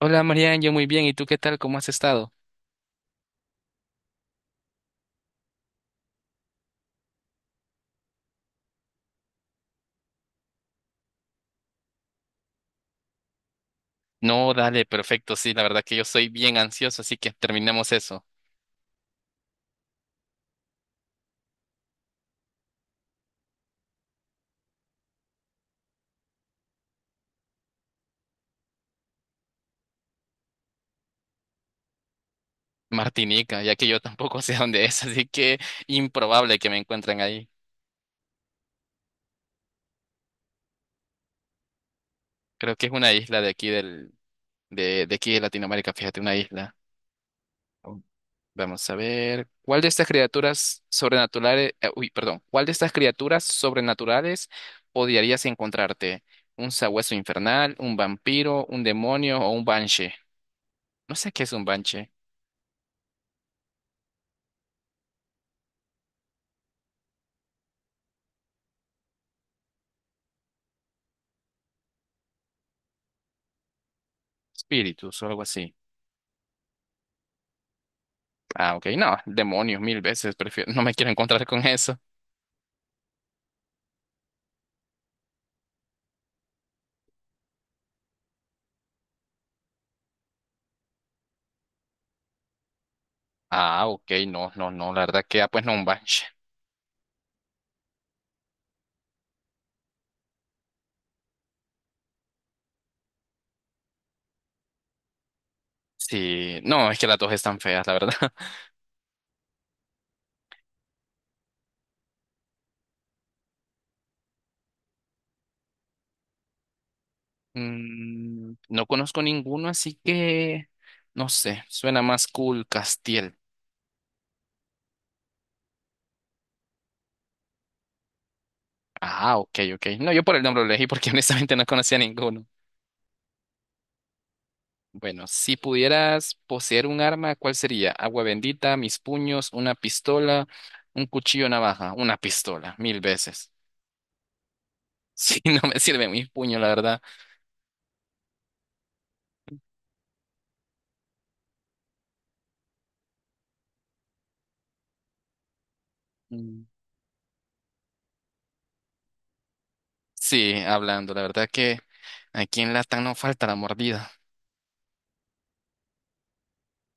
Hola Marian, yo muy bien. ¿Y tú qué tal? ¿Cómo has estado? No, dale, perfecto. Sí, la verdad que yo soy bien ansioso, así que terminemos eso. Martinica, ya que yo tampoco sé dónde es, así que improbable que me encuentren ahí. Creo que es una isla de aquí de aquí de Latinoamérica, fíjate, una isla. Oh, vamos a ver. ¿Cuál de estas criaturas sobrenaturales, uy, perdón, ¿cuál de estas criaturas sobrenaturales odiarías encontrarte? ¿Un sabueso infernal, un vampiro, un demonio o un banshee? No sé qué es un banshee. Espíritus o algo así. Ah, ok, no, demonios mil veces, prefiero, no me quiero encontrar con eso. Ah, ok, no, no, no, la verdad que, pues no, un banshee. Sí, no, es que las dos están feas, la verdad. No conozco ninguno, así que, no sé, suena más cool Castiel. Ah, ok, ok. No, yo por el nombre lo elegí porque honestamente no conocía ninguno. Bueno, si pudieras poseer un arma, ¿cuál sería? Agua bendita, mis puños, una pistola, un cuchillo, navaja, una pistola, mil veces. Sí, no me sirve mi puño, la verdad. Mm. Sí, hablando, la verdad que aquí en Latam no falta la mordida.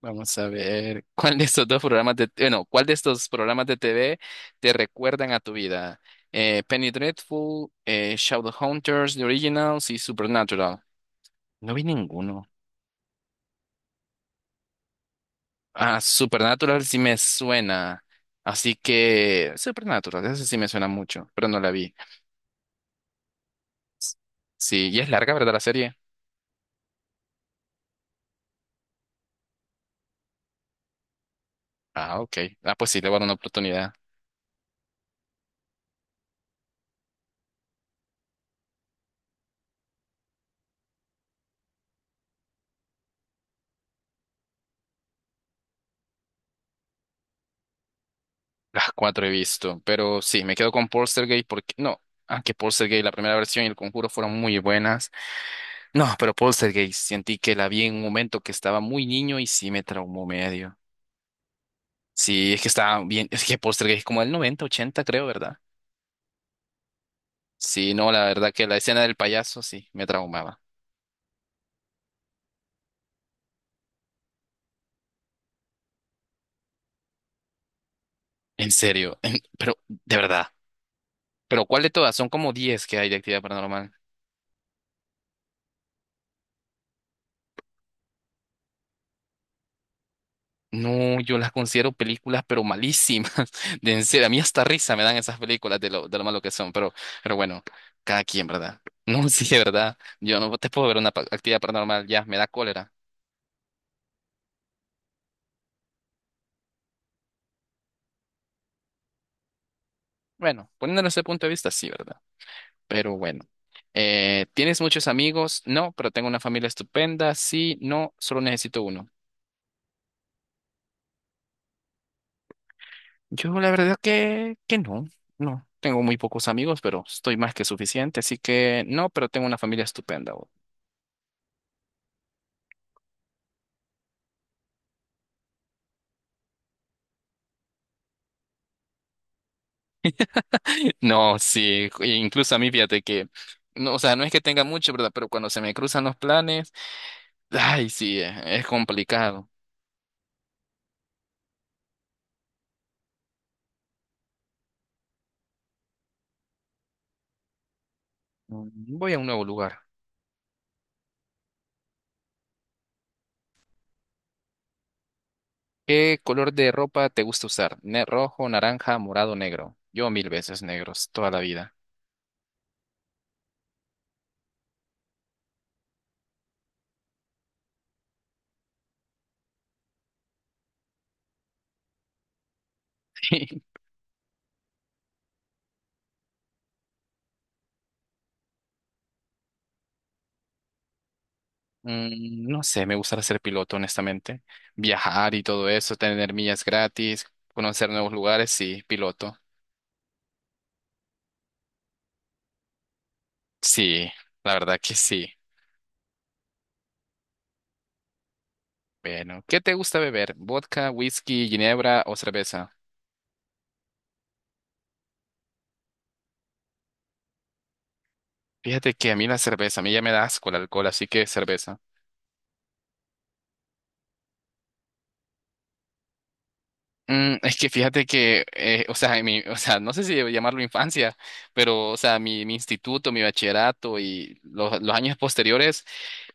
Vamos a ver, ¿cuál de estos dos programas de, bueno, ¿cuál de estos programas de TV te recuerdan a tu vida? Penny Dreadful, Shadowhunters, The Originals y Supernatural. No vi ninguno. Ah, Supernatural sí me suena. Así que Supernatural, esa sí me suena mucho, pero no la vi. Sí, y es larga, ¿verdad, la serie? Ah, ok. Ah, pues sí, le voy a dar una oportunidad. Las cuatro he visto, pero sí, me quedo con Poltergeist porque no, aunque Poltergeist, la primera versión y El Conjuro fueron muy buenas. No, pero Poltergeist, sentí que la vi en un momento que estaba muy niño y sí me traumó medio. Sí, es que estaba bien, es que Poltergeist es como del 90 80 creo, ¿verdad? Sí, no, la verdad que la escena del payaso sí me traumaba. En serio, pero de verdad. Pero ¿cuál de todas? Son como 10 que hay de actividad paranormal. No, yo las considero películas, pero malísimas. De en serio, a mí hasta risa me dan esas películas de lo, malo que son, pero bueno, cada quien, ¿verdad? No, sí, de verdad. Yo no te puedo ver una actividad paranormal, ya, me da cólera. Bueno, poniéndolo desde ese punto de vista, sí, ¿verdad? Pero bueno. ¿Tienes muchos amigos? No, pero tengo una familia estupenda. Sí, no, solo necesito uno. Yo la verdad que no, no. Tengo muy pocos amigos, pero estoy más que suficiente, así que no, pero tengo una familia estupenda. No, sí, e incluso a mí fíjate que, no, o sea, no es que tenga mucho, ¿verdad? Pero cuando se me cruzan los planes, ay, sí, es complicado. Voy a un nuevo lugar. ¿Qué color de ropa te gusta usar? Rojo, naranja, morado, negro. Yo mil veces negros, toda la vida. No sé, me gustaría ser piloto, honestamente. Viajar y todo eso, tener millas gratis, conocer nuevos lugares, sí, piloto. Sí, la verdad que sí. Bueno, ¿qué te gusta beber? ¿Vodka, whisky, ginebra o cerveza? Fíjate que a mí la cerveza, a mí ya me da asco el alcohol, así que cerveza. Es que fíjate que, o sea, en mi, o sea, no sé si llamarlo infancia, pero, o sea, mi, instituto, mi bachillerato y los años posteriores,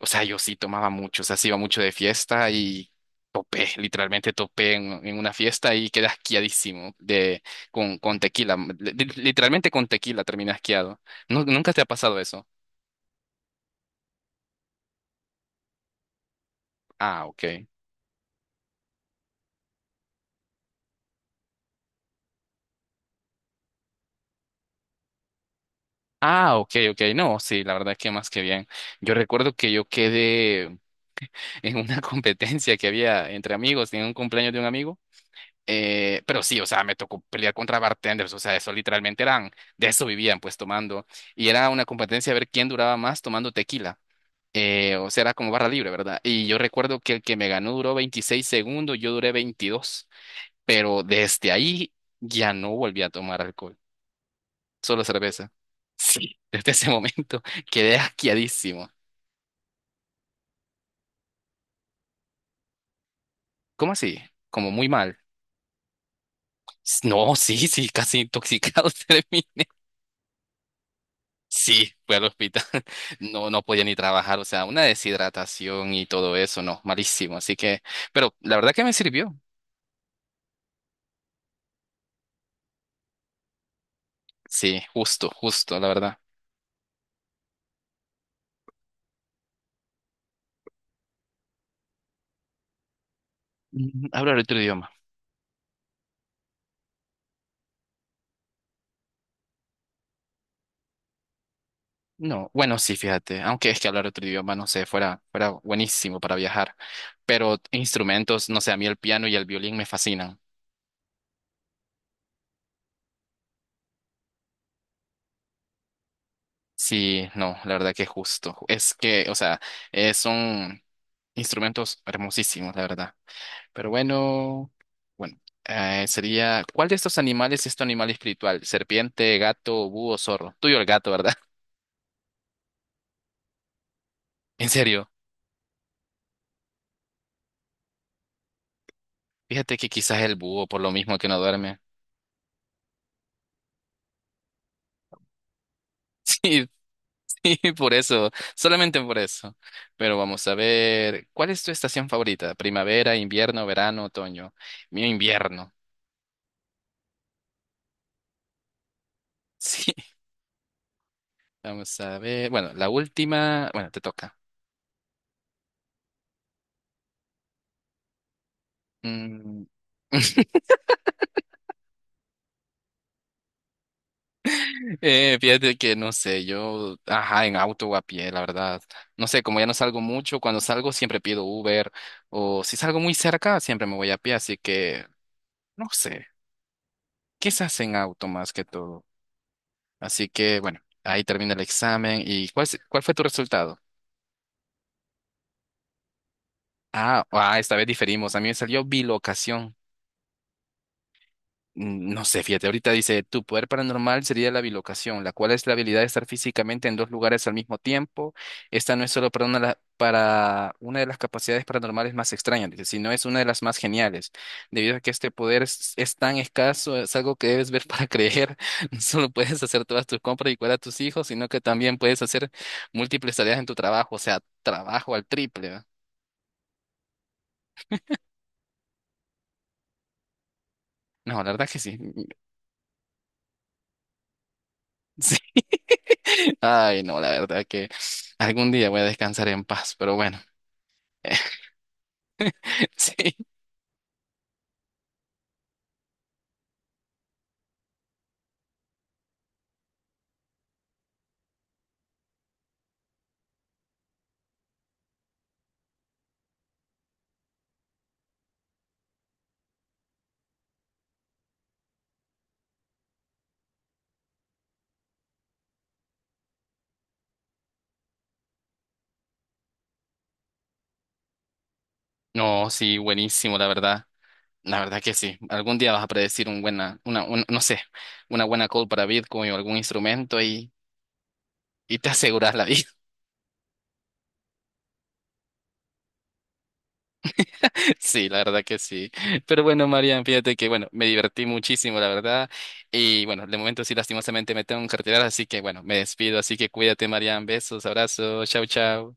o sea, yo sí tomaba mucho, o sea, sí iba mucho de fiesta y topé, literalmente topé en, una fiesta y quedé asqueadísimo de, con tequila, literalmente con tequila terminé asqueado. ¿Nunca te ha pasado eso? Ah, ok. Ah, ok, ok, no, sí, la verdad que más que bien. Yo recuerdo que yo quedé en una competencia que había entre amigos, en un cumpleaños de un amigo, pero sí, o sea, me tocó pelear contra bartenders, o sea, eso literalmente eran, de eso vivían pues tomando, y era una competencia a ver quién duraba más tomando tequila, o sea, era como barra libre, ¿verdad? Y yo recuerdo que el que me ganó duró 26 segundos, yo duré 22, pero desde ahí ya no volví a tomar alcohol. Solo cerveza. Sí. Desde ese momento quedé asqueadísimo. ¿Cómo así? Como muy mal. No, sí, sí, casi intoxicado terminé. Sí, fui al hospital. No, no podía ni trabajar, o sea, una deshidratación y todo eso, no, malísimo. Así que, pero la verdad que me sirvió. Sí, justo, justo, la verdad. Hablar otro idioma. No, bueno, sí, fíjate, aunque es que hablar otro idioma, no sé, fuera buenísimo para viajar. Pero instrumentos, no sé, a mí el piano y el violín me fascinan. Sí, no, la verdad que justo. Es que, o sea, son instrumentos hermosísimos, la verdad. Pero bueno, bueno, sería, ¿cuál de estos animales es tu animal espiritual? Serpiente, gato, búho, zorro. Tuyo el gato, ¿verdad? En serio. Fíjate que quizás el búho, por lo mismo que no duerme. Sí, sí, por eso, solamente por eso. Pero vamos a ver, ¿cuál es tu estación favorita? ¿Primavera, invierno, verano, otoño? Mío, invierno. Sí, vamos a ver. Bueno, la última. Bueno, te toca. Mm, fíjate que no sé, ajá, en auto o a pie, la verdad. No sé, como ya no salgo mucho, cuando salgo siempre pido Uber o si salgo muy cerca, siempre me voy a pie, así que no sé, quizás en auto más que todo. Así que bueno, ahí termina el examen. ¿Y cuál fue tu resultado? Ah, ah, esta vez diferimos. A mí me salió bilocación. No sé, fíjate, ahorita dice, tu poder paranormal sería la bilocación, la cual es la habilidad de estar físicamente en dos lugares al mismo tiempo. Esta no es solo para una, para una de las capacidades paranormales más extrañas, dice, sino es una de las más geniales. Debido a que este poder es tan escaso, es algo que debes ver para creer. No solo puedes hacer todas tus compras y cuidar a tus hijos, sino que también puedes hacer múltiples tareas en tu trabajo, o sea, trabajo al triple, ¿va? No, la verdad que sí. Sí. Ay, no, la verdad que algún día voy a descansar en paz, pero bueno, sí. No, sí, buenísimo, la verdad. La verdad que sí. Algún día vas a predecir un buena, una, un- no sé, una buena call para Bitcoin o algún instrumento y te aseguras la vida. Sí, la verdad que sí. Pero bueno, Marian, fíjate que, bueno, me divertí muchísimo, la verdad. Y bueno, de momento sí, lastimosamente me tengo que retirar, así que bueno, me despido. Así que cuídate, Marian. Besos, abrazos, chao, chao.